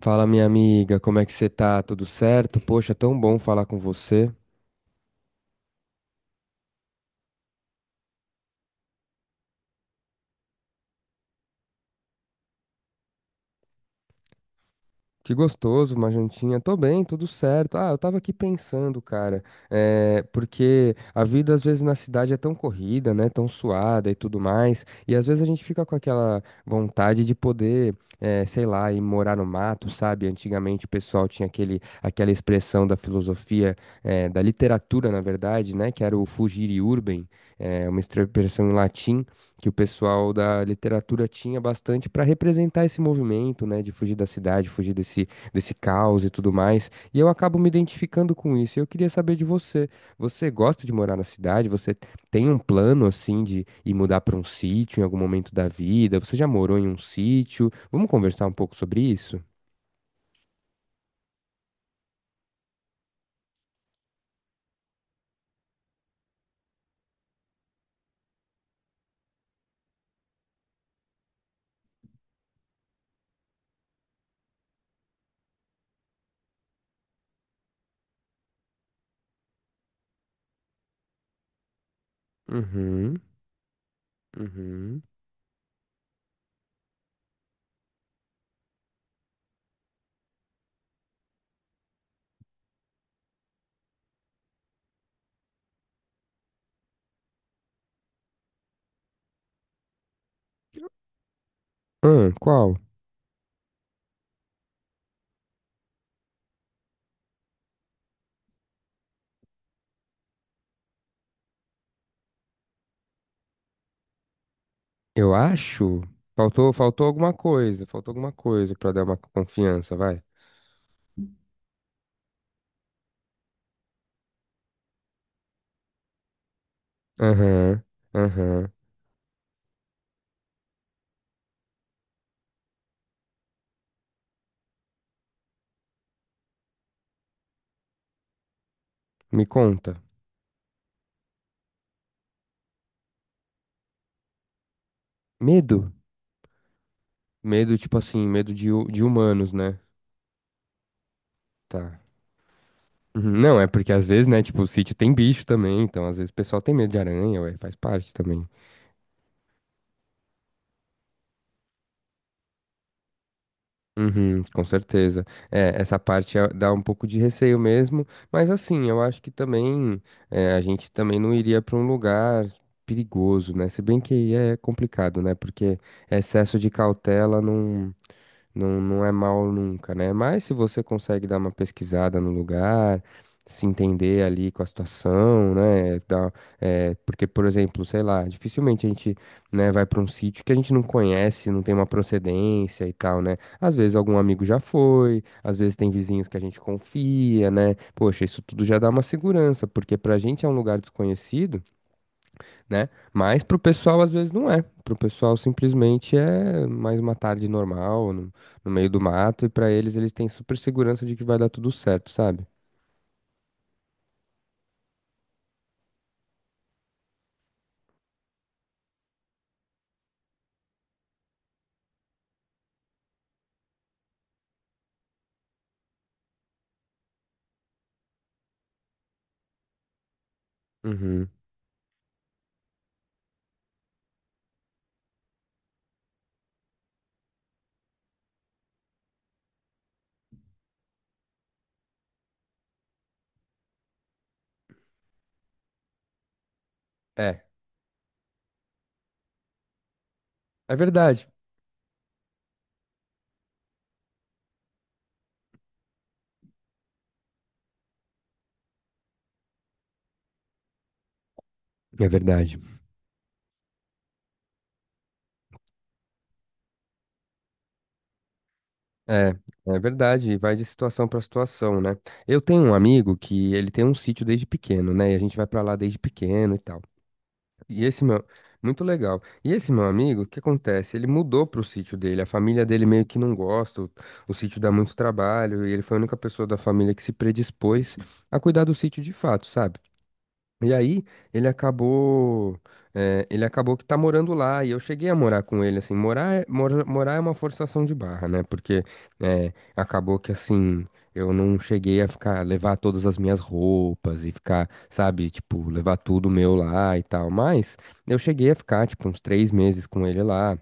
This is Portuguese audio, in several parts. Fala, minha amiga, como é que você tá? Tudo certo? Poxa, tão bom falar com você. Que gostoso, uma jantinha. Tô bem, tudo certo. Ah, eu tava aqui pensando, cara, porque a vida às vezes na cidade é tão corrida, né? Tão suada e tudo mais. E às vezes a gente fica com aquela vontade de poder, sei lá, ir morar no mato, sabe? Antigamente o pessoal tinha aquela expressão da filosofia, da literatura, na verdade, né? Que era o fugire urbem, uma expressão em latim que o pessoal da literatura tinha bastante para representar esse movimento, né, de fugir da cidade, desse caos e tudo mais. E eu acabo me identificando com isso. Eu queria saber de você. Você gosta de morar na cidade? Você tem um plano assim de ir mudar para um sítio em algum momento da vida? Você já morou em um sítio? Vamos conversar um pouco sobre isso? Uhum, uhum. Ah, qual? Eu acho. Faltou alguma coisa, faltou alguma coisa para dar uma confiança, vai. Aham, aham. Me conta. Medo? Medo, tipo assim, de humanos, né? Tá. Uhum, não, é porque às vezes, né, tipo, o sítio tem bicho também, então às vezes o pessoal tem medo de aranha, ué, faz parte também. Uhum, com certeza. Dá um pouco de receio mesmo, mas assim, eu acho que também a gente também não iria pra um lugar perigoso, né? Se bem que aí é complicado, né? Porque excesso de cautela não é mal nunca, né? Mas se você consegue dar uma pesquisada no lugar, se entender ali com a situação, né? Porque, por exemplo, sei lá, dificilmente a gente, né, vai para um sítio que a gente não conhece, não tem uma procedência e tal, né? Às vezes algum amigo já foi, às vezes tem vizinhos que a gente confia, né? Poxa, isso tudo já dá uma segurança, porque pra gente é um lugar desconhecido né? Mas pro pessoal às vezes não é. Pro pessoal simplesmente é mais uma tarde normal, no meio do mato, e pra eles têm super segurança de que vai dar tudo certo, sabe? Uhum. É, é verdade. É verdade. É, é verdade, e vai de situação para situação, né? Eu tenho um amigo que ele tem um sítio desde pequeno, né? E a gente vai para lá desde pequeno e tal. E esse meu, Muito legal. E esse meu amigo, o que acontece? Ele mudou pro sítio dele. A família dele meio que não gosta. O sítio dá muito trabalho e ele foi a única pessoa da família que se predispôs a cuidar do sítio de fato, sabe? E aí, ele acabou, ele acabou que tá morando lá, e eu cheguei a morar com ele, assim, morar é uma forçação de barra, né, porque acabou que, assim, eu não cheguei a ficar, levar todas as minhas roupas e ficar, sabe, tipo, levar tudo meu lá e tal, mas eu cheguei a ficar, tipo, uns três meses com ele lá.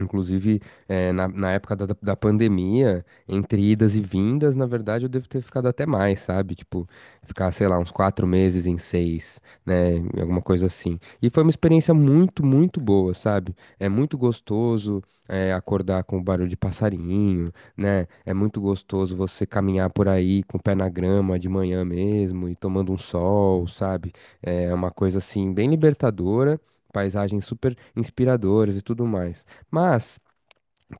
Inclusive, na época da pandemia, entre idas e vindas, na verdade, eu devo ter ficado até mais, sabe? Tipo, ficar, sei lá, uns quatro meses em seis, né? Alguma coisa assim. E foi uma experiência muito, muito boa, sabe? É muito gostoso, acordar com o barulho de passarinho, né? É muito gostoso você caminhar por aí com o pé na grama de manhã mesmo e tomando um sol, sabe? É uma coisa assim, bem libertadora. Paisagens super inspiradoras e tudo mais. Mas,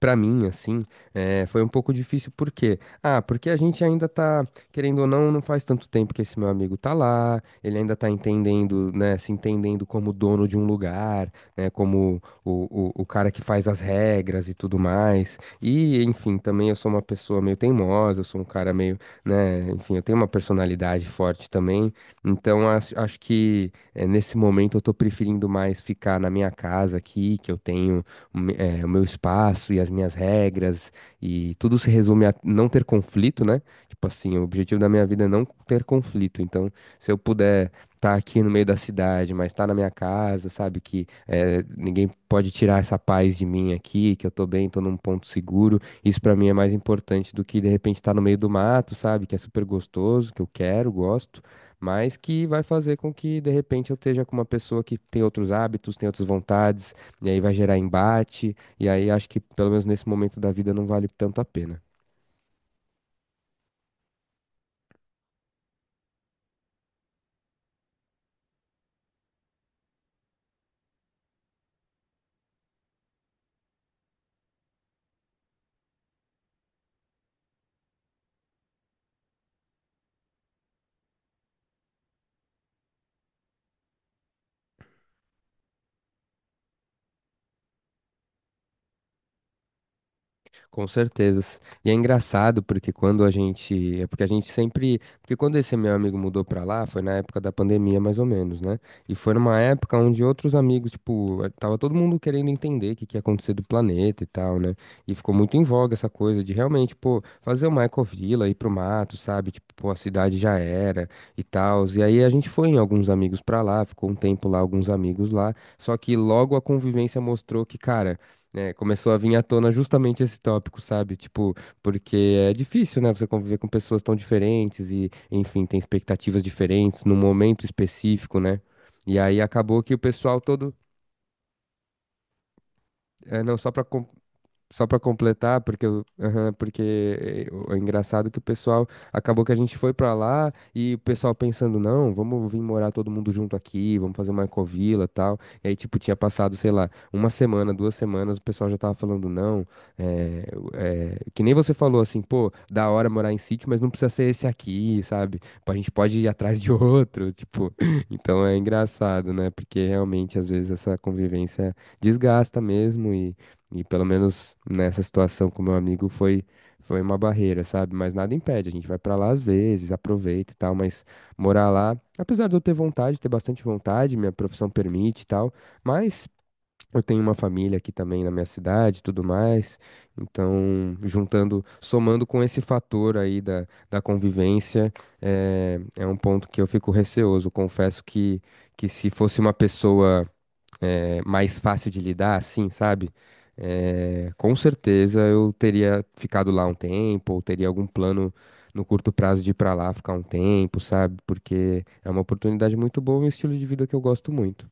pra mim, assim, foi um pouco difícil, por quê? Ah, porque a gente ainda tá, querendo ou não, não faz tanto tempo que esse meu amigo tá lá, ele ainda tá entendendo, né, se entendendo como dono de um lugar, né, como o cara que faz as regras e tudo mais. E, enfim, também eu sou uma pessoa meio teimosa, eu sou um cara meio, né, enfim, eu tenho uma personalidade forte também, então acho que nesse momento eu tô preferindo mais ficar na minha casa aqui, que eu tenho o meu espaço e as minhas regras, e tudo se resume a não ter conflito, né? Tipo assim, o objetivo da minha vida é não ter conflito. Então, se eu puder estar aqui no meio da cidade, mas estar na minha casa, sabe? Que ninguém pode tirar essa paz de mim aqui, que eu tô bem, tô num ponto seguro. Isso pra mim é mais importante do que de repente estar no meio do mato, sabe? Que é super gostoso, que eu quero, gosto mas que vai fazer com que de repente eu esteja com uma pessoa que tem outros hábitos, tem outras vontades, e aí vai gerar embate, e aí acho que pelo menos nesse momento da vida não vale tanto a pena. Com certeza. E é engraçado porque quando a gente, é porque a gente sempre, porque quando esse meu amigo mudou pra lá, foi na época da pandemia mais ou menos, né? E foi numa época onde outros amigos, tipo, tava todo mundo querendo entender o que que ia acontecer do planeta e tal, né? E ficou muito em voga essa coisa de realmente, pô, fazer uma ecovila, ir pro mato, sabe? Tipo, pô, a cidade já era e tal. E aí a gente foi em alguns amigos pra lá, ficou um tempo lá, alguns amigos lá. Só que logo a convivência mostrou que, cara, é, começou a vir à tona justamente esse tópico, sabe? Tipo, porque é difícil, né? Você conviver com pessoas tão diferentes e, enfim, tem expectativas diferentes num momento específico, né? E aí acabou que o pessoal todo, é, não só para só para completar, porque, aham, porque é engraçado que o pessoal acabou que a gente foi para lá e o pessoal pensando, não, vamos vir morar todo mundo junto aqui, vamos fazer uma ecovila e tal. E aí, tipo, tinha passado, sei lá, uma semana, duas semanas, o pessoal já tava falando, não, que nem você falou assim, pô, da hora morar em sítio, mas não precisa ser esse aqui, sabe? Pô, a gente pode ir atrás de outro, tipo. Então é engraçado, né? Porque realmente, às vezes, essa convivência desgasta mesmo e pelo menos nessa situação com meu amigo foi uma barreira, sabe? Mas nada impede, a gente vai pra lá às vezes, aproveita e tal, mas morar lá, apesar de eu ter vontade, ter bastante vontade, minha profissão permite e tal, mas eu tenho uma família aqui também na minha cidade, e tudo mais. Então, juntando, somando com esse fator aí da convivência, é, é um ponto que eu fico receoso. Confesso que se fosse uma pessoa mais fácil de lidar, assim, sabe? É, com certeza eu teria ficado lá um tempo, ou teria algum plano no curto prazo de ir pra lá ficar um tempo, sabe? Porque é uma oportunidade muito boa e um estilo de vida que eu gosto muito.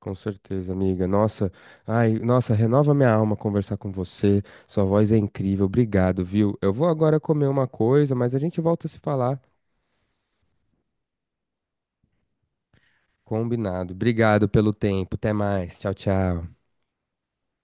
Com certeza, amiga. Nossa, ai, nossa, renova minha alma conversar com você. Sua voz é incrível. Obrigado, viu? Eu vou agora comer uma coisa, mas a gente volta a se falar. Combinado. Obrigado pelo tempo. Até mais. Tchau, tchau.